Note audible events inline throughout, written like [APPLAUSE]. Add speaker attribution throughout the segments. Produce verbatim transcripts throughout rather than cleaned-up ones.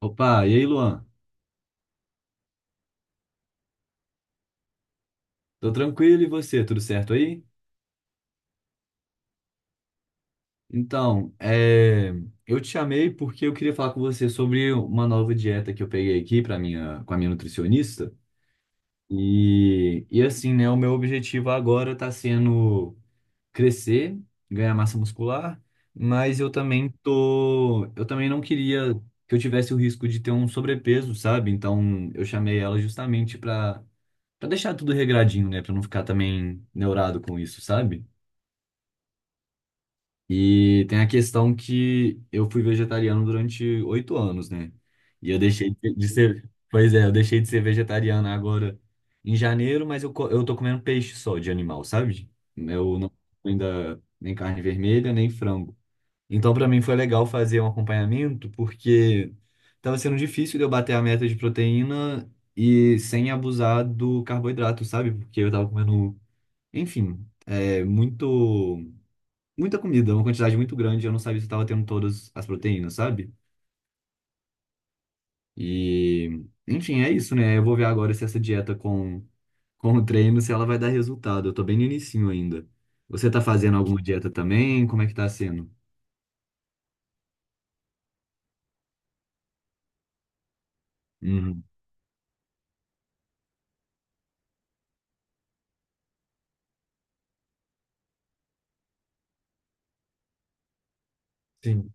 Speaker 1: Opa, e aí, Luan? Tô tranquilo e você, tudo certo aí? Então, é, eu te chamei porque eu queria falar com você sobre uma nova dieta que eu peguei aqui para minha, com a minha nutricionista. E, e assim, né, o meu objetivo agora tá sendo crescer, ganhar massa muscular, mas eu também tô, eu também não queria que eu tivesse o risco de ter um sobrepeso, sabe? Então, eu chamei ela justamente para para deixar tudo regradinho, né, para não ficar também neurado com isso, sabe? E tem a questão que eu fui vegetariano durante oito anos, né? E eu deixei de de ser. Pois é, eu deixei de ser vegetariano agora em janeiro, mas eu, co- eu tô comendo peixe só de animal, sabe? Eu não como ainda nem carne vermelha, nem frango. Então, pra mim foi legal fazer um acompanhamento, porque tava sendo difícil de eu bater a meta de proteína e sem abusar do carboidrato, sabe? Porque eu tava comendo, enfim, é muito muita comida, uma quantidade muito grande, eu não sabia se eu tava tendo todas as proteínas, sabe? E, enfim, é isso, né? Eu vou ver agora se essa dieta com, com o treino, se ela vai dar resultado. Eu tô bem no inicinho ainda. Você tá fazendo alguma dieta também? Como é que tá sendo? Uhum. Sim.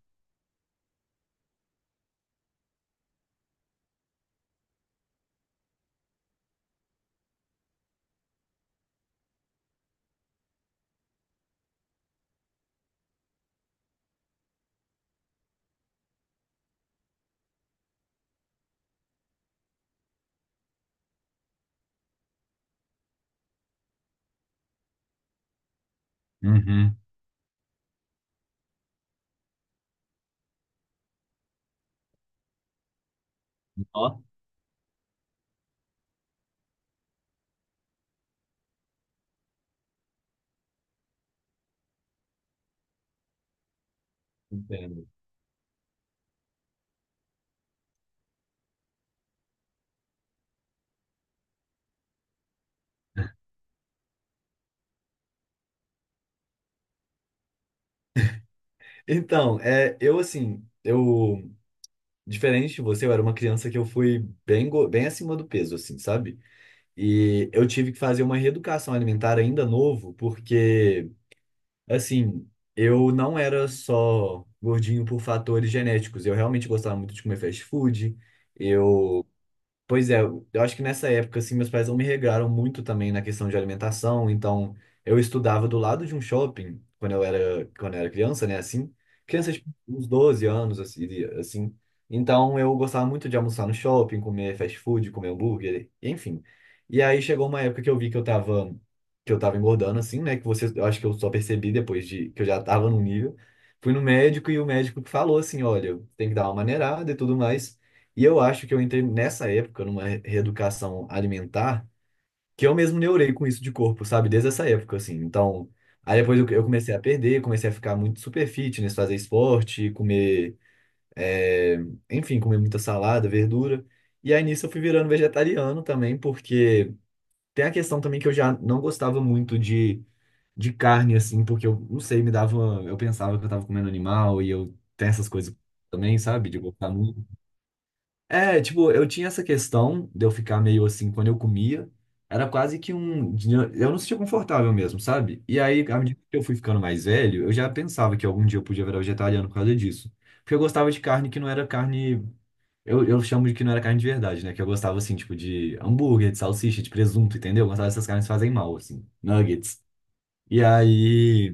Speaker 1: Uhum. Ó, entendo. Então, é, eu assim, eu, diferente de você, eu era uma criança que eu fui bem, go- bem acima do peso, assim, sabe? E eu tive que fazer uma reeducação alimentar ainda novo, porque assim, eu não era só gordinho por fatores genéticos. Eu realmente gostava muito de comer fast food. Eu Pois é, eu eu acho que nessa época, assim, meus pais não me regraram muito também na questão de alimentação, então eu estudava do lado de um shopping quando eu era, quando eu era criança, né, assim, criança de uns doze anos, assim, de- assim. Então eu gostava muito de almoçar no shopping, comer fast food, comer hambúrguer, enfim. E aí chegou uma época que eu vi que eu tava, que eu tava engordando, assim, né, que você, eu acho que eu só percebi depois de, que eu já tava num nível, fui no médico e o médico falou assim, olha, tem que dar uma maneirada e tudo mais, e eu acho que eu entrei nessa época numa re- reeducação alimentar, que eu mesmo neurei com isso de corpo, sabe? Desde essa época, assim. Então, aí depois eu, eu comecei a perder, comecei a ficar muito super fitness, fazer esporte, comer, é, enfim, comer muita salada, verdura. E aí nisso eu fui virando vegetariano também, porque tem a questão também que eu já não gostava muito de, de carne, assim, porque eu não sei, me dava. Eu pensava que eu tava comendo animal e eu tenho essas coisas também, sabe? De gostar muito. É, tipo, eu tinha essa questão de eu ficar meio assim quando eu comia. Era quase que um. Eu não me sentia confortável mesmo, sabe? E aí, à medida que eu fui ficando mais velho, eu já pensava que algum dia eu podia virar vegetariano por causa disso. Porque eu gostava de carne que não era carne. Eu, eu chamo de que não era carne de verdade, né? Que eu gostava, assim, tipo, de hambúrguer, de salsicha, de presunto, entendeu? Eu gostava dessas carnes que fazem mal, assim, nuggets. E aí,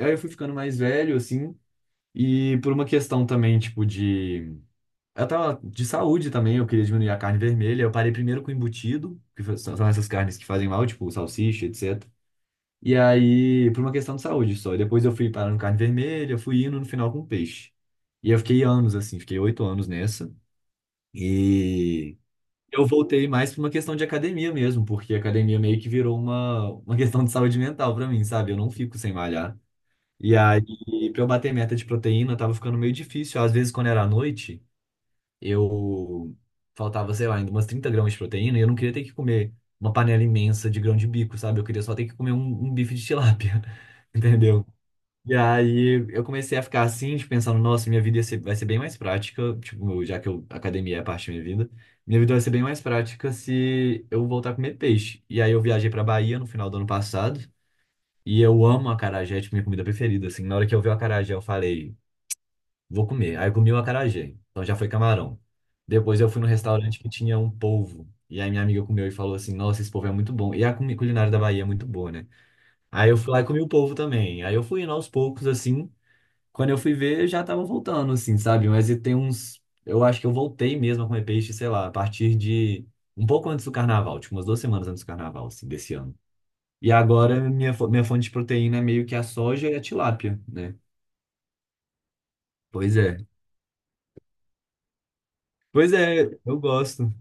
Speaker 1: aí eu fui ficando mais velho, assim, e por uma questão também, tipo, de eu tava de saúde também, eu queria diminuir a carne vermelha. Eu parei primeiro com embutido, que fa- são são essas carnes que fazem mal, tipo salsicha, etcétera. E aí, por uma questão de saúde só. E depois eu fui parando com carne vermelha, fui indo no final com peixe. E eu fiquei anos assim, fiquei oito anos nessa. E eu voltei mais por uma questão de academia mesmo, porque a academia meio que virou uma, uma questão de saúde mental pra mim, sabe? Eu não fico sem malhar. E aí, pra eu bater meta de proteína, tava ficando meio difícil. Às vezes, quando era à noite eu faltava, sei lá, ainda umas trinta gramas de proteína e eu não queria ter que comer uma panela imensa de grão de bico, sabe? Eu queria só ter que comer um, um bife de tilápia, [LAUGHS] entendeu? E aí eu comecei a ficar assim, de pensando, nossa, minha vida ia ser- vai ser bem mais prática, tipo, eu- já que eu, academia é parte da minha vida, minha vida vai ser bem mais prática se eu voltar a comer peixe. E aí eu viajei pra Bahia no final do ano passado. E eu amo acarajé, é, tipo, minha comida preferida, assim. Na hora que eu vi o acarajé, eu falei, vou comer. Aí eu comi o acarajé. Então já foi camarão. Depois eu fui num restaurante que tinha um polvo. E aí minha amiga comeu e falou assim: nossa, esse polvo é muito bom. E a comi- culinária da Bahia é muito boa, né? Aí eu fui lá e comi o polvo também. Aí eu fui indo aos poucos, assim. Quando eu fui ver, eu já tava voltando, assim, sabe? Mas e tem uns. Eu acho que eu voltei mesmo a comer peixe, sei lá, a partir de um pouco antes do carnaval, tipo umas duas semanas antes do carnaval, assim, desse ano. E agora minha, fo- minha fonte de proteína é meio que a soja e a tilápia, né? Pois é. Pois é, eu gosto.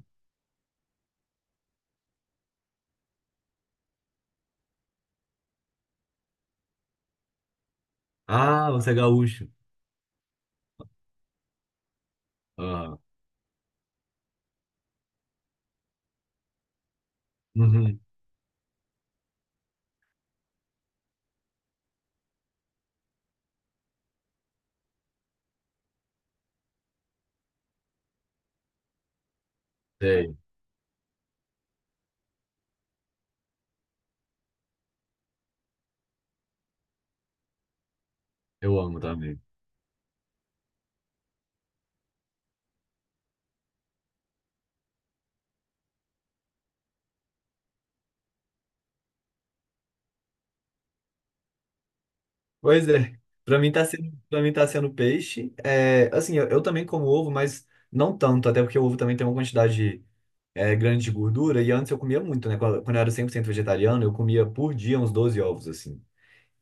Speaker 1: Ah, você é gaúcho. Ah, uhum, sei. Eu amo também. Pois é. Pra mim tá sendo, para mim tá sendo peixe. É, assim, eu, eu também como ovo, mas não tanto, até porque o ovo também tem uma quantidade é, grande de gordura. E antes eu comia muito, né? Quando quando eu era cem por cento vegetariano, eu comia por dia uns doze ovos, assim.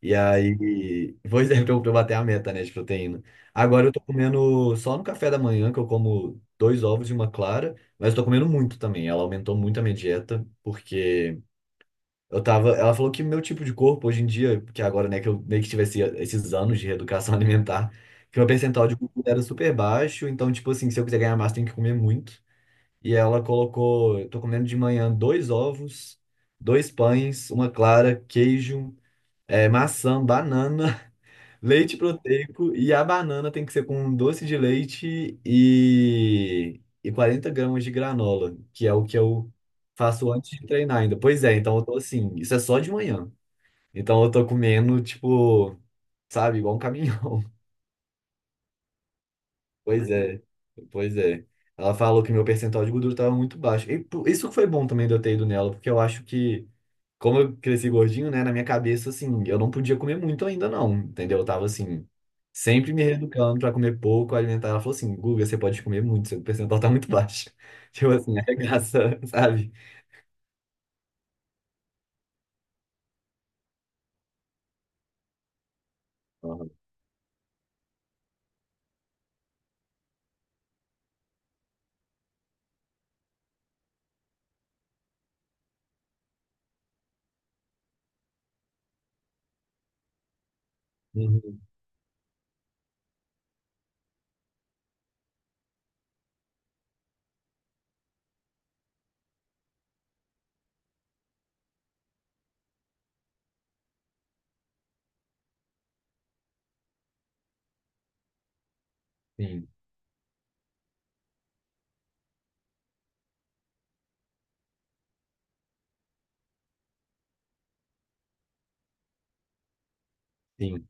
Speaker 1: E aí, [LAUGHS] pois é, pra eu pra eu bater a meta, né, de proteína. Agora eu tô comendo só no café da manhã, que eu como dois ovos e uma clara, mas eu tô comendo muito também. Ela aumentou muito a minha dieta, porque eu tava, ela falou que meu tipo de corpo hoje em dia, que agora, né, que eu meio que tivesse esses anos de reeducação [LAUGHS] alimentar, que meu percentual de gordura era super baixo, então, tipo assim, se eu quiser ganhar massa, tem que comer muito. E ela colocou, eu tô comendo de manhã dois ovos, dois pães, uma clara, queijo, eh, maçã, banana, [LAUGHS] leite proteico, e a banana tem que ser com doce de leite e, e quarenta gramas de granola, que é o que eu faço antes de treinar ainda. Pois é, então eu tô assim, isso é só de manhã. Então eu tô comendo, tipo, sabe, igual um caminhão. [LAUGHS] Pois é, pois é. Ela falou que meu percentual de gordura tava muito baixo. E por- isso que foi bom também de eu ter ido nela, porque eu acho que, como eu cresci gordinho, né, na minha cabeça, assim, eu não podia comer muito ainda, não, entendeu? Eu tava assim, sempre me reeducando pra comer pouco, alimentar. Ela falou assim, Guga, você pode comer muito, seu percentual tá muito baixo. [LAUGHS] Tipo assim, arregaça, [LAUGHS] sabe? Uhum. Uhum. Sim, sim.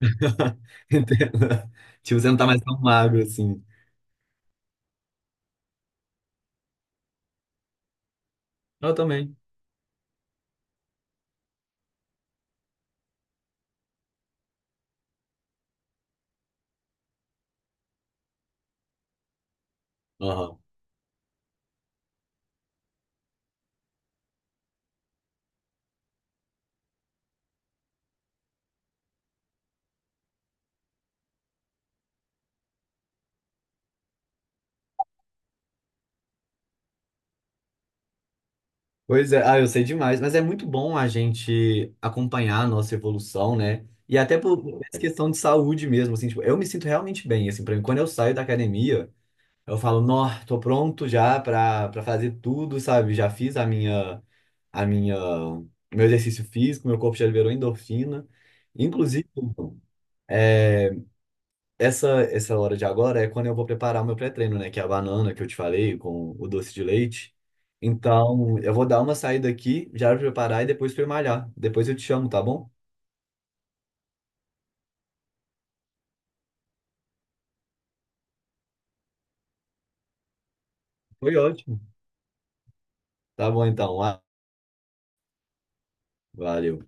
Speaker 1: [LAUGHS] Entendo. Tipo, você não tá mais tão magro assim. Eu também. Aham. Pois é, ah, eu sei demais, mas é muito bom a gente acompanhar a nossa evolução, né? E até por por essa questão de saúde mesmo, assim, tipo, eu me sinto realmente bem, assim, pra mim, quando eu saio da academia, eu falo, nó, tô pronto já pra, pra fazer tudo, sabe? Já fiz a minha, a minha, meu exercício físico, meu corpo já liberou endorfina. Inclusive, eh, essa, essa hora de agora é quando eu vou preparar o meu pré-treino, né? Que é a banana que eu te falei com o doce de leite. Então, eu vou dar uma saída aqui, já preparar e depois fui malhar. Depois eu te chamo, tá bom? Foi ótimo. Tá bom então. Ah, valeu.